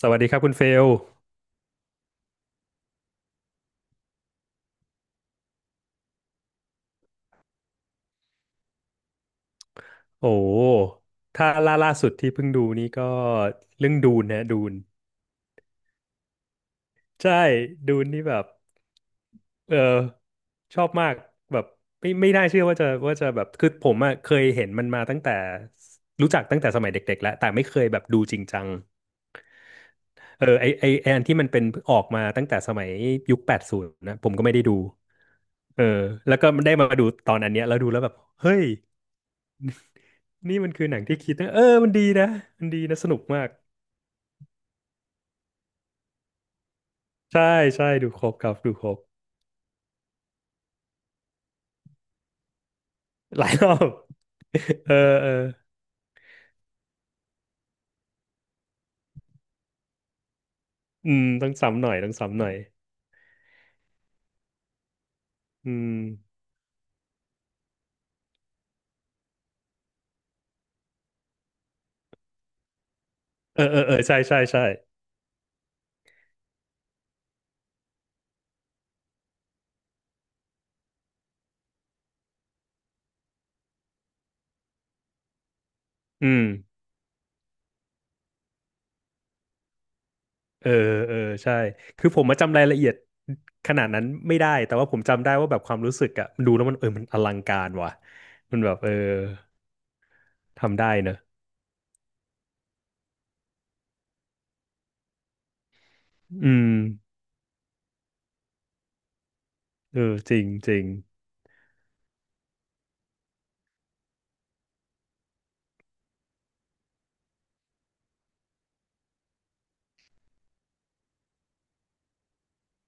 สวัสดีครับคุณเฟลโอ้ถ้าล่าสุดที่เพิ่งดูนี่ก็เรื่องดูนนะดูน ใช่ ดูนนี่แบบ เออ ชอบมากแบบไม่น่าเชื่อว่าจะแบบคือผมอะเคยเห็นมันมาตั้งแต่รู้จักตั้งแต่สมัยเด็กๆแล้ว แต่ไม่เคยแบบดูจริงจังเอออันที่มันเป็นออกมาตั้งแต่สมัยยุคแปดศูนย์นะผมก็ไม่ได้ดู เออแล้วก็ได้มาดูตอนอันเนี้ยแล้วดูแล้วแบบเฮ้ยนี่มันคือหนังที่คิดนะเออมันดีนะมันดีนะสนุกมาก ใช่ใช่ดูครบครับดูครบหลายรอบ เออเอออืมต้องซ้ำหน่อยต้องซ้ำหน่อยอืมเออเออเออใช่ใช่ใช่อืมเออเออใช่คือผมมาจำรายละเอียดขนาดนั้นไม่ได้แต่ว่าผมจำได้ว่าแบบความรู้สึกอะดูแล้วมันเออมันอลังการว่ะมันแบบเออทำได้เนอะอืมเออจริงจริง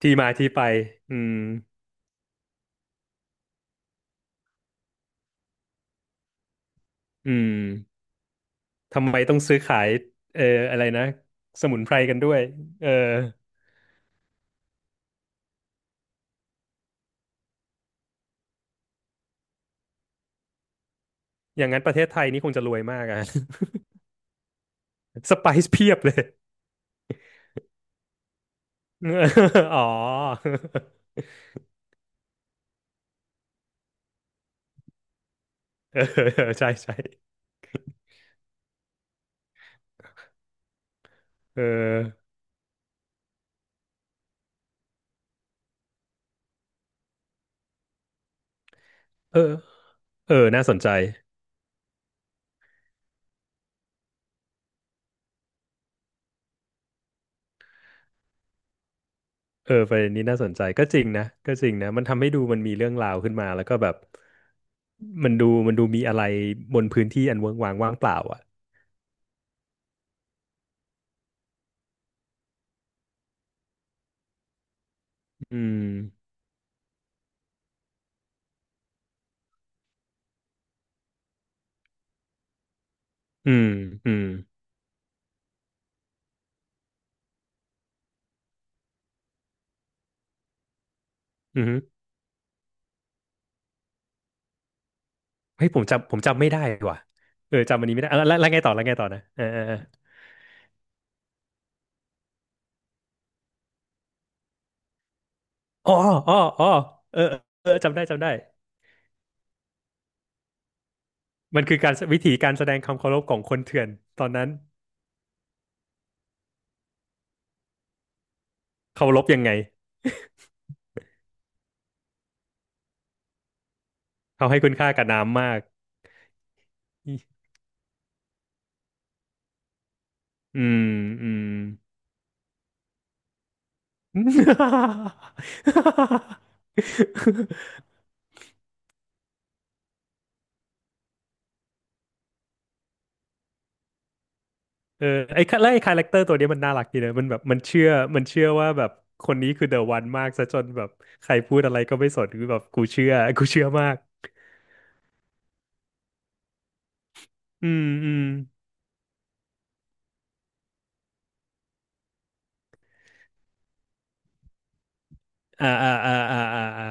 ที่มาที่ไปอืมอืมทำไมต้องซื้อขายเอออะไรนะสมุนไพรกันด้วยเออ อย่างนั้นประเทศไทยนี่คงจะรวยมากอะ สไปซ์เพียบเลย อ๋อ เออใช่ใช่เออเออเออน่าสนใจเออประเด็นนี้น่าสนใจก็จริงนะก็จริงนะมันทำให้ดูมันมีเรื่องราวขึ้นมาแล้วก็แบบมันดูมันดูมีอะไรบนพื้นที่อันเวิ้งว้างว่างเปล่าอ่ะอืมอืมอืมอืมเฮ้ยผมจำไม่ได้ว่ะเออจำอันนี้ไม่ได้อ่ะแล้วไงต่อแล้วไงต่อนะเออเออเอออ๋ออ๋ออ๋อเออเออจำได้จำได้ มันคือการวิธีการแสดงความเคารพของคนเถื่อนตอนนั้นเคารพยังไงเขาให้คุณค่ากับน้ำมากอืมอืม เออไอ้คาแล้วไอ้คาแรคเตอร์ตัวเนี้ยมันน่ารักดีนะมันแบบมันเชื่อมันเชื่อว่าแบบคนนี้คือเดอะวันมากซะจนแบบใครพูดอะไรก็ไม่สนคือแบบกูเชื่อกูเชื่อมากอืมอืมอ่าอ่าอ่าอ่าอ่าอ่า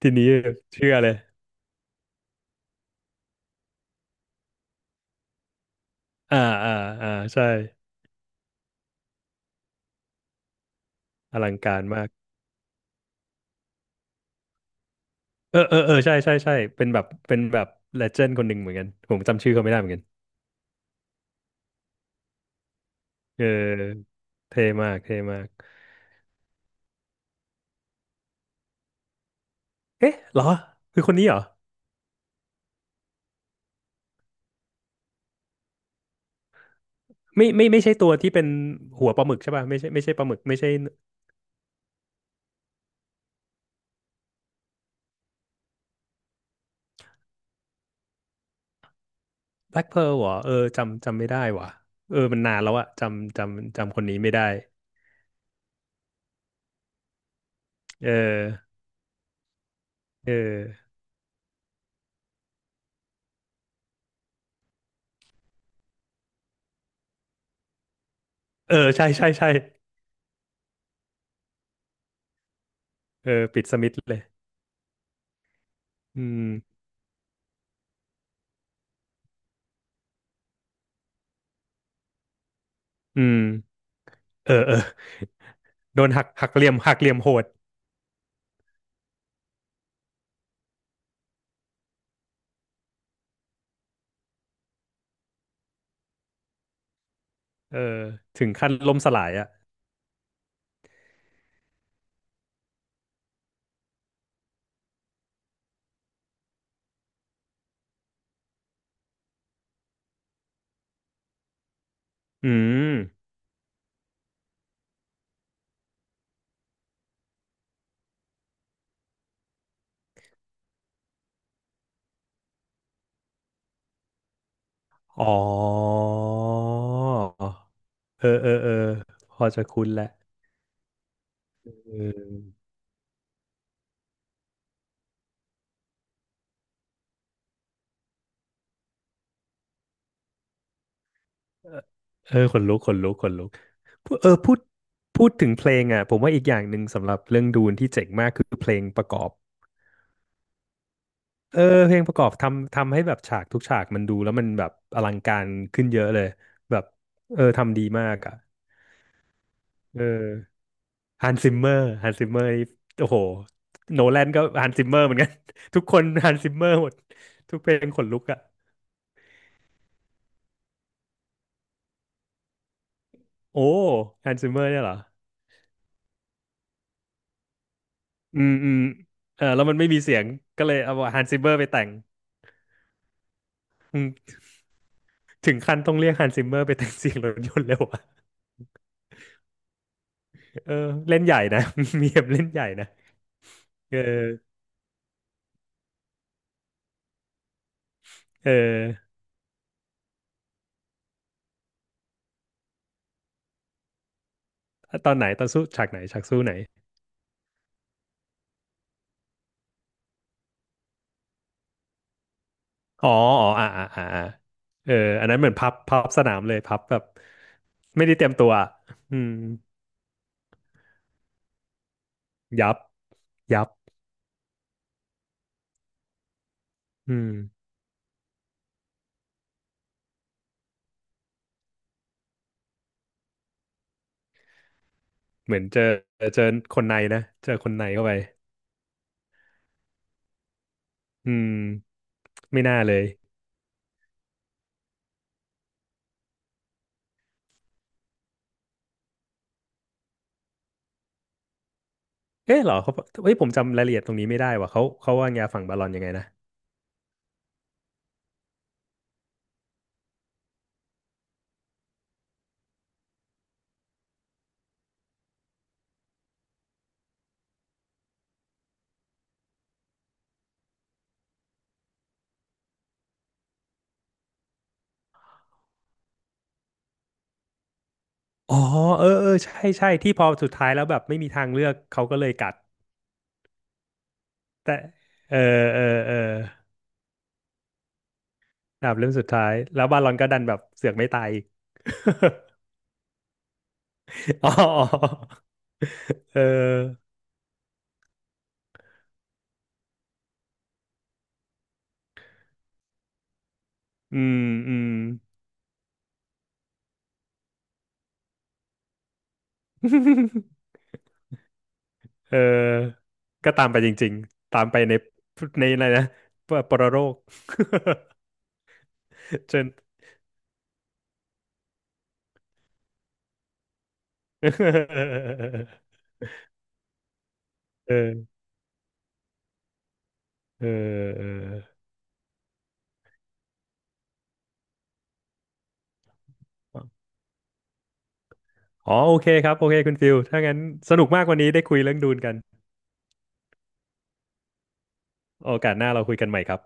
ทีนี้เชื่อเลยอ่าอ่าอ่าใช่อลังการมาก เออเออเออใช่ใช่ใช่เป็นแบบเป็นแบบเลเจนด์คนหนึ่งเหมือนกันผมจำชื่อเขาไม่ได้เหมือนกันเออเท่มากเท่มากเอ๊ะเหรอคือคนนี้เหรอไม่ไม่ไม่ใช่ตัวที่เป็นหัวปลาหมึกใช่ป่ะไม่ใช่ไม่ใช่ปลาหมึกไม่ใช่แบล็คเพิร์ลเหรอเออจำจำไม่ได้ว่ะเออมันนานแล้วอะจำจำจำคนนี้ไม่ได้เออเออเออใช่ใช่ใช่เออปิดสมิธเลยอืมอืมเออเออโดนหักหักเหลี่ยมหักเหลี่ยมโหดเออถึงขั้นล่มสลายอ่ะอืม อ๋อ เออ เออเออพอจะคุ้นแหละ เออเออเออขนลุกขนลุกขนลุกพูดเออ พูด พูดถึงเพลงอ่ะ ผมว่าอีกอย่างหนึ่งสำหรับเรื่องดูนที่เจ๋งมากคือเพลงประกอบ เออ เพลงประกอบทำให้แบบฉากทุกฉากมันดูแล้วมันแบบอลังการขึ้นเยอะเลย แบบ เออ ทำดีมากอ่ะ เออฮันซิมเมอร์ฮันซิมเมอร์นี่โอ้โหโนแลนก็ฮันซิมเมอร์เหมือนกัน ทุกคนฮันซิมเมอร์หมดทุกเพลงขนลุกอ่ะ โอ้ฮันซิเมอร์เนี่ยเหรออืมอืมเออแล้วมันไม่มีเสียงก็เลยเอาฮันซิเมอร์ไปแต่งอืมถึงขั้นต้องเรียกฮันซิเมอร์ไปแต่งเสียงรถยนต์เลยวะเออเล่นใหญ่นะ มีเอ็มเล่นใหญ่นะเออเออตอนไหนตอนสู้ฉากไหนฉากสู้ไหนอ๋ออ๋ออ่าอ่าอ่าอ่าเอออันนั้นเหมือนพับพับสนามเลยพับแบบไม่ได้เตรียมตัวอะอืมยับยับอืมเหมือนเจอเจอคนในนะเจอคนในเข้าไปอืมไม่น่าเลย เอ๊ะเหรอเขาเฮ้ยผมจำรายละเอียดตรงนี้ไม่ได้ว่ะเขาวางยาฝั่งบาลอนยังไงนะอ๋อเออเออใช่ใช่ที่พอสุดท้ายแล้วแบบไม่มีทางเลือกเขาก็เลยกัดแต่เออเออเออดาบเล่มสุดท้ายแล้วบาลอนก็ดันแบบเสือกไม่ตายอีก อ๋อเอออืมอืม เออก็ตามไปจริงๆตามไปในในอะไรนะปปรโรค เชิญ เออเออเออ อ๋อโอเคครับโอเคคุณฟิลถ้างั้นสนุกมากวันนี้ได้คุยเรื่องดูนกันโอกาสหน้าเราคุยกันใหม่ครับ